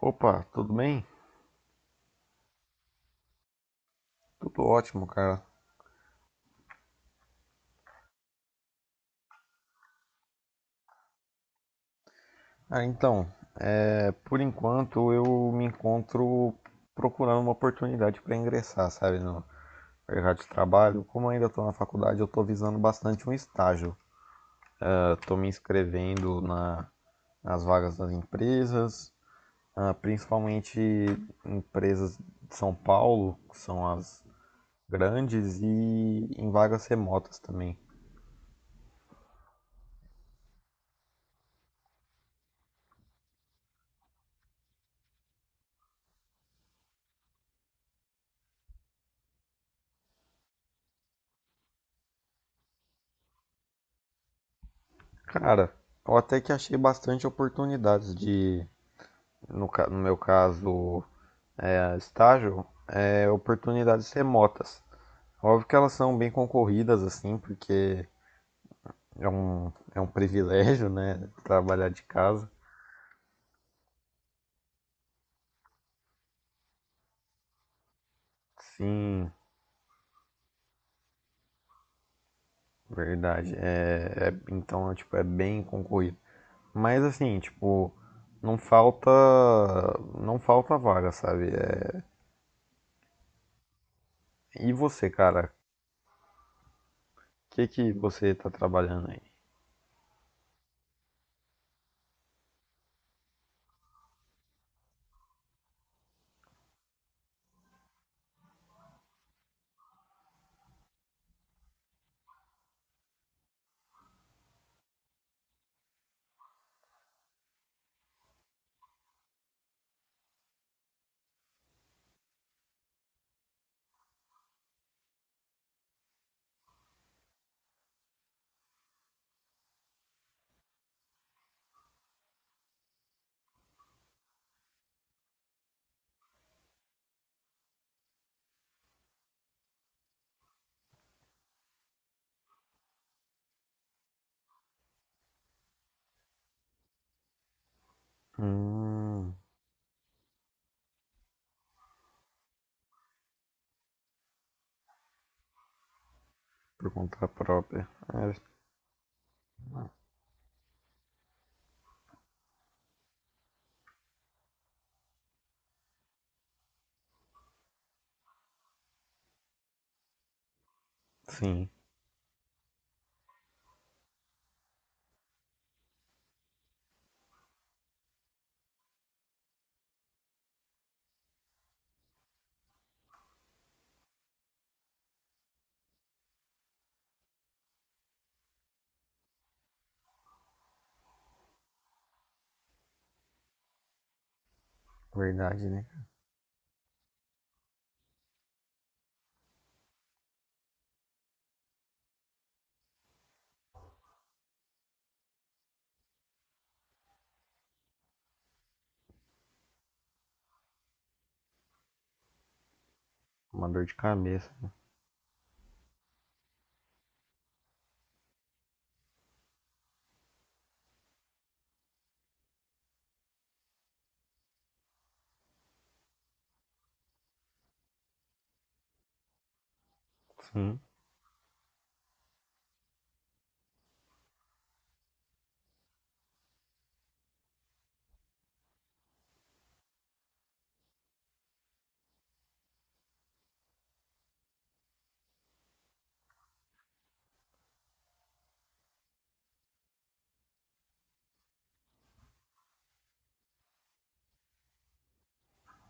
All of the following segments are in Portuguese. Opa, tudo bem? Tudo ótimo, cara. Ah, então, por enquanto eu me encontro procurando uma oportunidade para ingressar, sabe, no mercado de trabalho. Como eu ainda estou na faculdade, eu estou visando bastante um estágio. Estou me inscrevendo nas vagas das empresas, principalmente empresas de São Paulo, que são as grandes, e em vagas remotas também. Cara, eu até que achei bastante oportunidades de no meu caso, estágio, oportunidades remotas. Óbvio que elas são bem concorridas, assim, porque é um, é um privilégio, né? Trabalhar de casa. Sim, verdade. Tipo, é bem concorrido. Mas, assim, tipo, não falta, não falta vaga, sabe? É, e você, cara? O que que você tá trabalhando aí? Hum, por conta própria. É, sim, verdade, né? Uma dor de cabeça. Sim.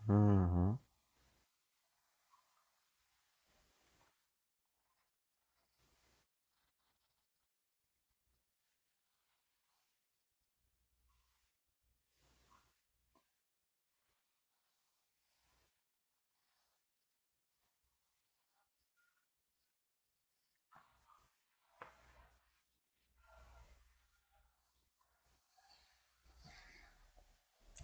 Uhum.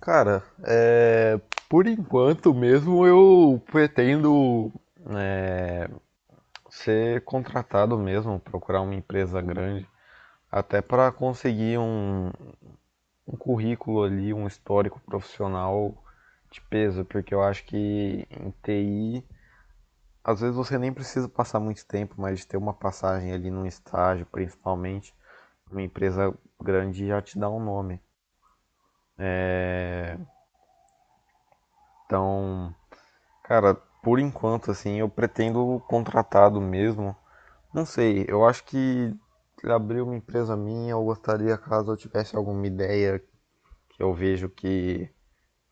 Cara, é, por enquanto mesmo eu pretendo ser contratado mesmo, procurar uma empresa grande, até para conseguir um currículo ali, um histórico profissional de peso, porque eu acho que em TI, às vezes você nem precisa passar muito tempo, mas ter uma passagem ali num estágio, principalmente, uma empresa grande já te dá um nome. Então, cara, por enquanto, assim, eu pretendo contratado mesmo. Não sei, eu acho que abrir uma empresa minha, eu gostaria, caso eu tivesse alguma ideia que eu vejo que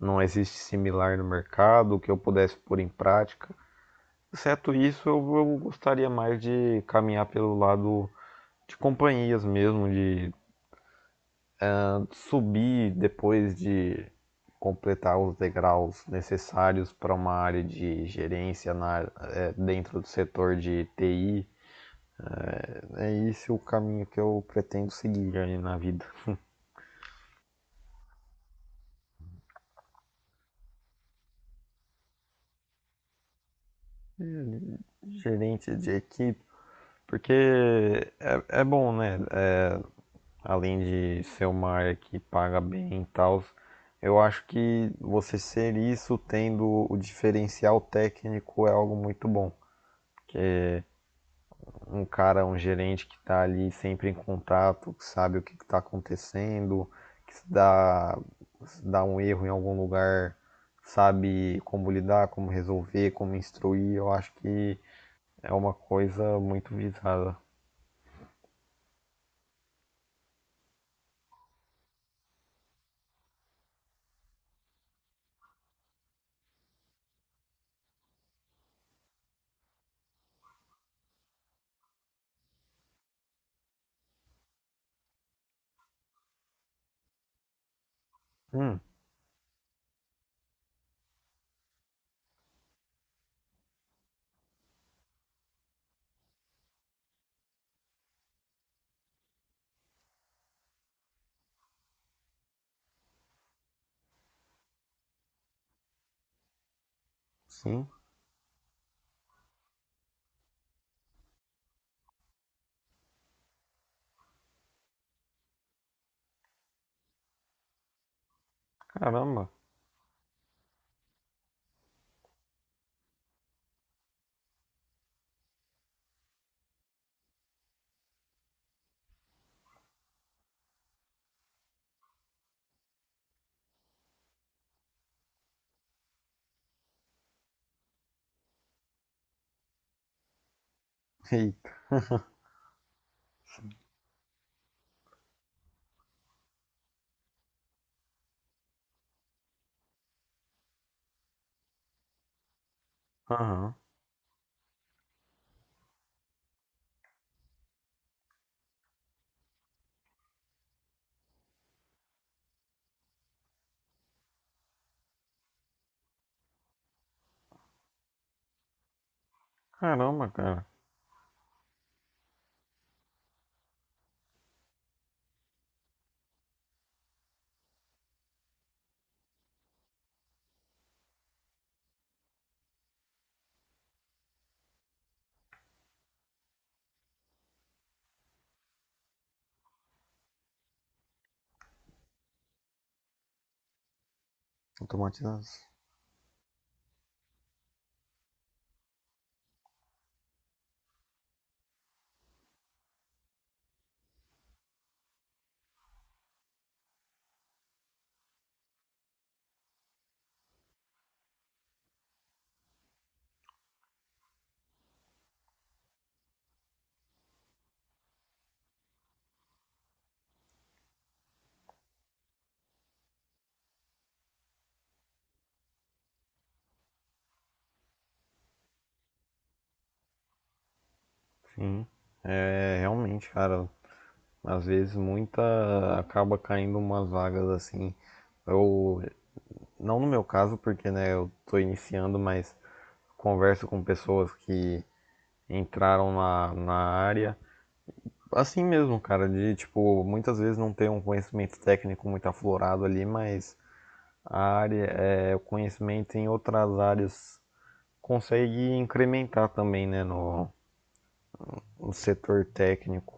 não existe similar no mercado, que eu pudesse pôr em prática. Exceto isso, eu gostaria mais de caminhar pelo lado de companhias mesmo, de subir depois de completar os degraus necessários para uma área de gerência dentro do setor de TI. É esse é o caminho que eu pretendo seguir aí na vida. Gerente de equipe, porque é bom, né? É, além de ser uma área que paga bem e tal, eu acho que você ser isso tendo o diferencial técnico é algo muito bom. Um cara, um gerente que está ali sempre em contato, que sabe o que está acontecendo, que se dá, se dá um erro em algum lugar, sabe como lidar, como resolver, como instruir. Eu acho que é uma coisa muito visada. Hum, sim, caramba. Eita, aham. Caramba, cara. Automatizados. Sim. É, realmente, cara, às vezes muita acaba caindo umas vagas assim. Eu não no meu caso, porque né, eu tô iniciando, mas converso com pessoas que entraram na área. Assim mesmo, cara, de tipo, muitas vezes não ter um conhecimento técnico muito aflorado ali, mas a área, é, o conhecimento em outras áreas consegue incrementar também, né, no, no setor técnico.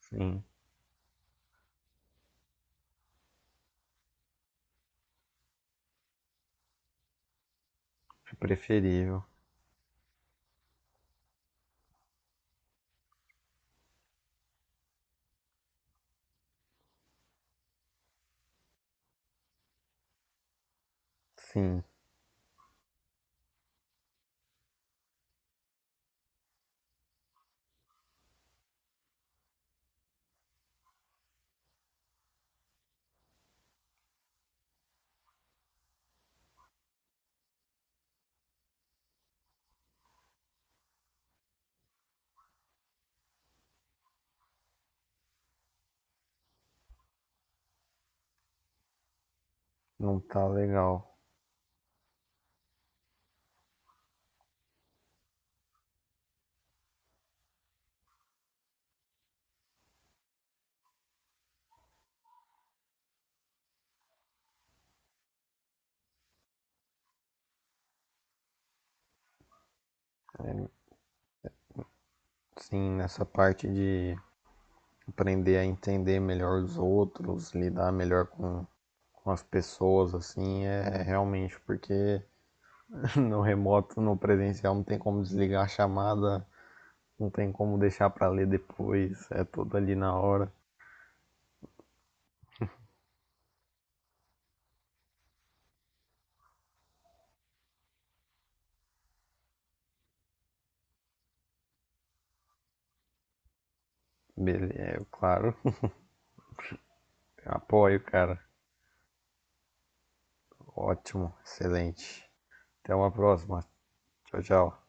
Sim, é preferível. Sim, não tá legal. Sim, nessa parte de aprender a entender melhor os outros, lidar melhor com as pessoas, assim, é realmente porque no remoto, no presencial, não tem como desligar a chamada, não tem como deixar pra ler depois, é tudo ali na hora. Beleza, é, claro. Apoio, cara. Ótimo, excelente. Até uma próxima. Tchau, tchau.